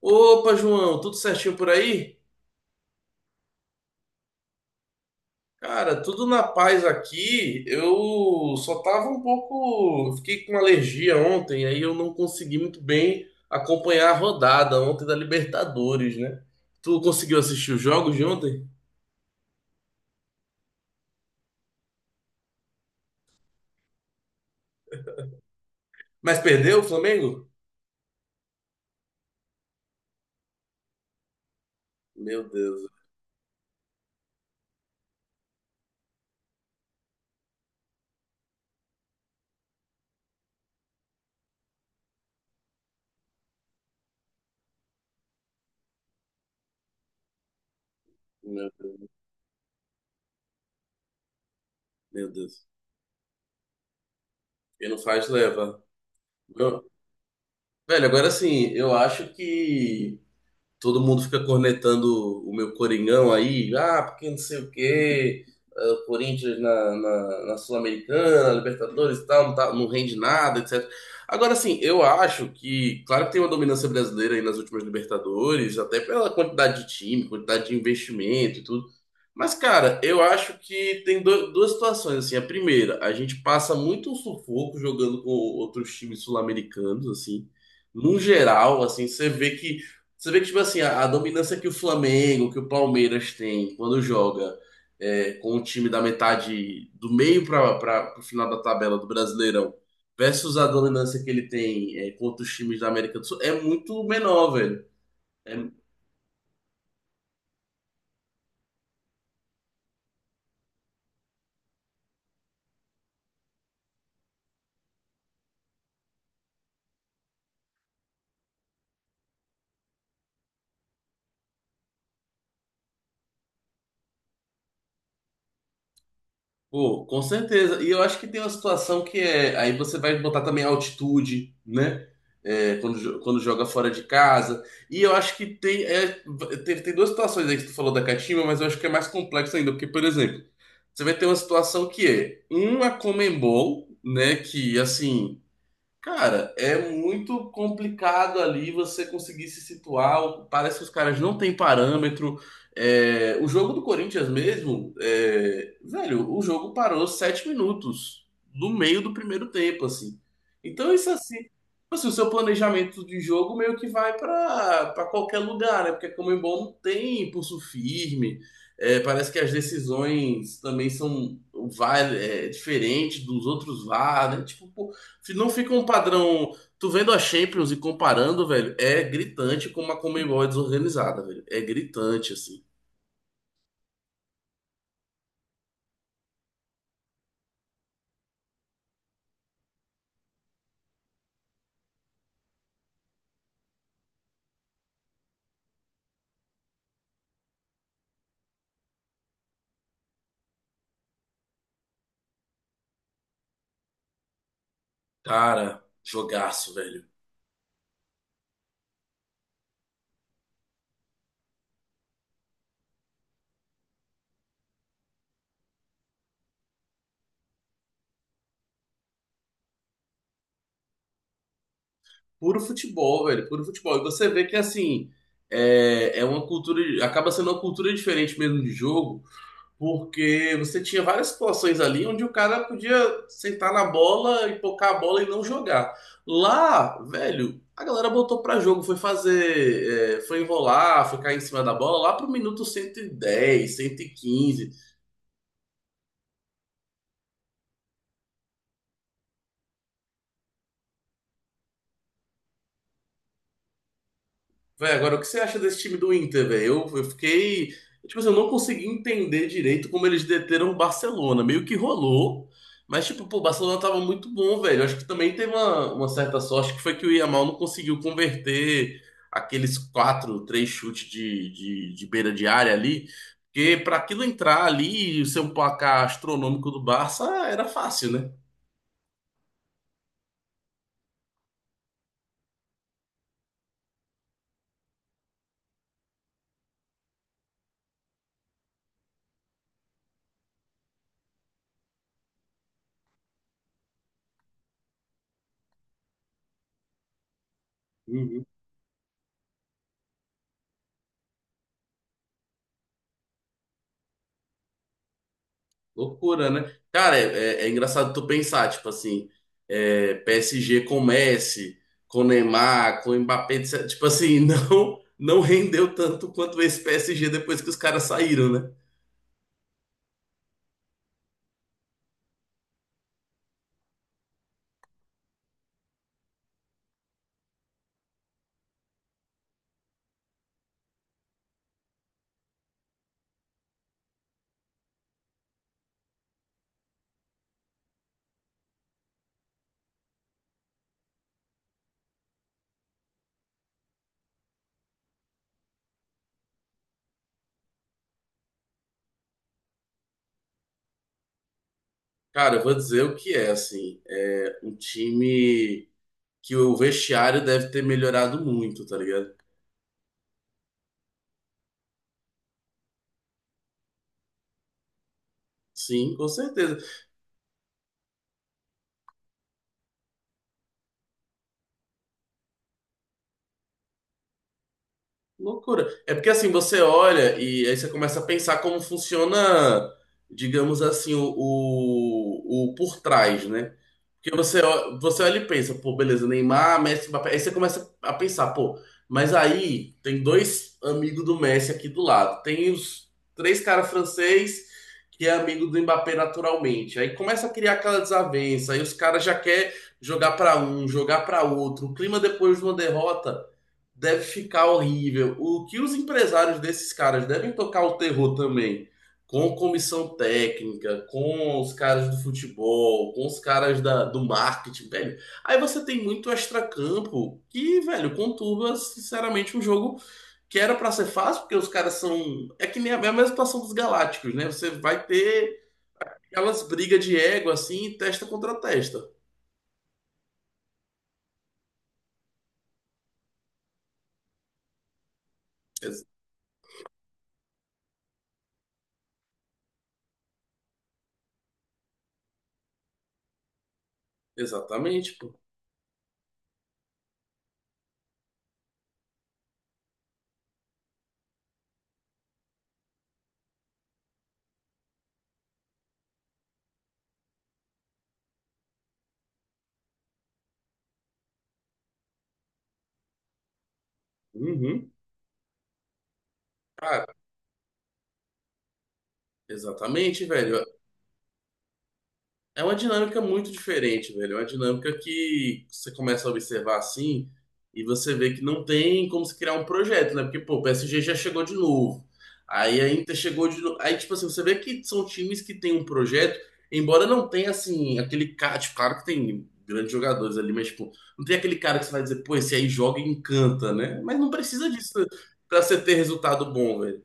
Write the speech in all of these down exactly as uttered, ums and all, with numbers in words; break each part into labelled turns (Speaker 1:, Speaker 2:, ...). Speaker 1: Opa, João, tudo certinho por aí? Cara, tudo na paz aqui. Eu só tava um pouco. Fiquei com uma alergia ontem, aí eu não consegui muito bem acompanhar a rodada ontem da Libertadores, né? Tu conseguiu assistir os jogos de ontem? Mas perdeu o Flamengo? Meu Deus, meu Deus, meu Deus. Quem não faz, leva. Eu- Velho, agora sim, eu acho que todo mundo fica cornetando o meu Coringão aí, ah, porque não sei o quê, ah, o Corinthians na, na, na Sul-Americana, Libertadores e tal, não, tá- não rende nada, etcétera. Agora, assim, eu acho que, claro que tem uma dominância brasileira aí nas últimas Libertadores, até pela quantidade de time, quantidade de investimento e tudo. Mas, cara, eu acho que tem do- duas situações, assim. A primeira, a gente passa muito um sufoco jogando com outros times sul-americanos, assim. Num geral, assim, você vê que você vê que, tipo assim, a, a dominância que o Flamengo, que o Palmeiras tem quando joga é, com o time da metade do meio para o final da tabela do Brasileirão, versus a dominância que ele tem é, contra os times da América do Sul, é muito menor, velho. É. Pô, com certeza. E eu acho que tem uma situação que é. Aí você vai botar também a altitude, né? É, quando, jo- quando joga fora de casa. E eu acho que tem, é, tem. Tem duas situações aí que tu falou da catimba, mas eu acho que é mais complexo ainda. Porque, por exemplo, você vai ter uma situação que é um a Conmebol, né? Que assim. Cara, é muito complicado ali você conseguir se situar. Parece que os caras não têm parâmetro. É, o jogo do Corinthians mesmo, é, velho, o jogo parou sete minutos no meio do primeiro tempo, assim. Então isso assim, assim, o seu planejamento de jogo meio que vai para para qualquer lugar, né? Porque a Conmebol não tem pulso firme. É, parece que as decisões também são o VAR é diferente dos outros VAR, né? Tipo, pô, não fica um padrão. Tu vendo a Champions e comparando, velho, é gritante como a Conmebol é desorganizada, velho. É gritante, assim. Cara, jogaço, velho. Puro futebol, velho. Puro futebol. E você vê que, assim, é, é uma cultura. Acaba sendo uma cultura diferente mesmo de jogo. Porque você tinha várias situações ali onde o cara podia sentar na bola e pocar a bola e não jogar. Lá, velho, a galera botou pra jogo, foi fazer, é, foi enrolar, foi cair em cima da bola lá pro minuto cento cento e dez cento e quinze. Véi, agora o que você acha desse time do Inter, velho? Eu, eu fiquei. Tipo assim, eu não consegui entender direito como eles deteram o Barcelona. Meio que rolou. Mas, tipo, pô, o Barcelona tava muito bom, velho. Eu acho que também teve uma, uma certa sorte que foi que o Yamal não conseguiu converter aqueles quatro, três chutes de, de, de beira de área ali. Porque pra aquilo entrar ali e ser um placar astronômico do Barça era fácil, né? Loucura, né? Cara, é, é- é engraçado tu pensar, tipo assim, é, P S G com Messi, com Neymar, com Mbappé, etcétera tipo assim, não, não rendeu tanto quanto esse P S G depois que os caras saíram, né? Cara, eu vou dizer o que é, assim, é um time que o vestiário deve ter melhorado muito, tá ligado? Sim, com certeza. Loucura. É porque assim, você olha e aí você começa a pensar como funciona, digamos assim, o, o, o por trás, né? Porque você, ó- você olha e pensa, pô, beleza, Neymar, Messi, Mbappé. Aí você começa a pensar, pô, mas aí tem dois amigos do Messi aqui do lado. Tem os três caras francês que é amigo do Mbappé naturalmente. Aí começa a criar aquela desavença, aí os caras já quer jogar pra um, jogar pra outro. O clima depois de uma derrota deve ficar horrível. O que os empresários desses caras devem tocar o terror também, com comissão técnica, com os caras do futebol, com os caras da, do marketing, velho. Aí você tem muito extracampo que, velho, conturba, sinceramente, um jogo que era pra ser fácil, porque os caras são. É que nem a é a mesma situação dos Galácticos, né? Você vai ter aquelas brigas de ego assim, testa contra testa. Ex- exatamente, pô. Uhum. Cara, exatamente, velho. É uma dinâmica muito diferente, velho. É uma dinâmica que você começa a observar assim e você vê que não tem como se criar um projeto, né? Porque, pô, o P S G já chegou de novo. Aí a Inter chegou de novo. Aí, tipo assim, você vê que são times que têm um projeto, embora não tenha, assim, aquele cara. Tipo, claro que tem grandes jogadores ali, mas, tipo, não tem aquele cara que você vai dizer, pô, esse aí joga e encanta, né? Mas não precisa disso pra você ter resultado bom, velho.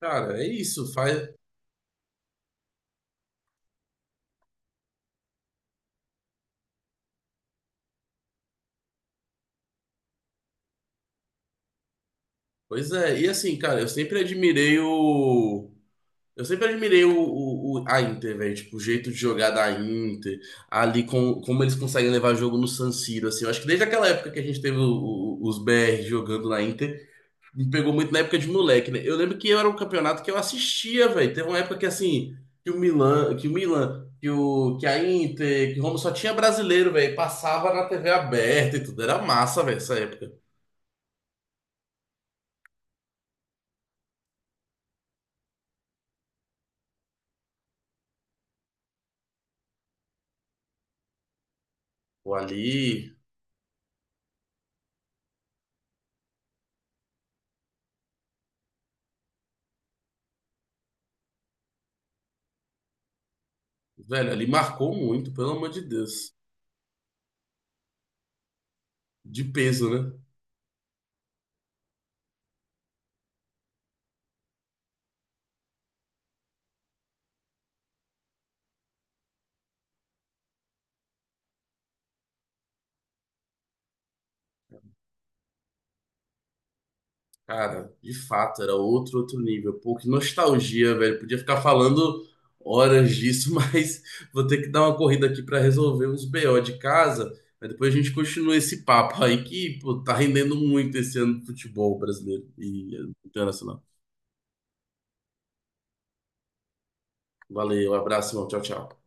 Speaker 1: Cara, é isso. Faz. Pois é. E assim, cara, eu sempre admirei o. Eu sempre admirei o, o, o- a Inter, velho. Tipo, o jeito de jogar da Inter, ali com, como eles conseguem levar jogo no San Siro, assim. Eu acho que desde aquela época que a gente teve o- o- os B R jogando na Inter, me pegou muito na época de moleque, né? Eu lembro que era um campeonato que eu assistia, velho. Teve uma época que, assim, que o Milan, que o Milan, que, o, que a Inter, que o Roma só tinha brasileiro, velho. Passava na T V aberta e tudo. Era massa, velho, essa época. Pô, ali, velho, ali marcou muito, pelo amor de Deus. De peso, né? Cara, de fato, era outro, outro nível. Pô, que nostalgia, velho. Podia ficar falando horas disso, mas vou ter que dar uma corrida aqui pra resolver uns B O de casa. Mas depois a gente continua esse papo aí que, pô, tá rendendo muito esse ano do futebol brasileiro e internacional. Valeu, abraço, irmão. Tchau, tchau.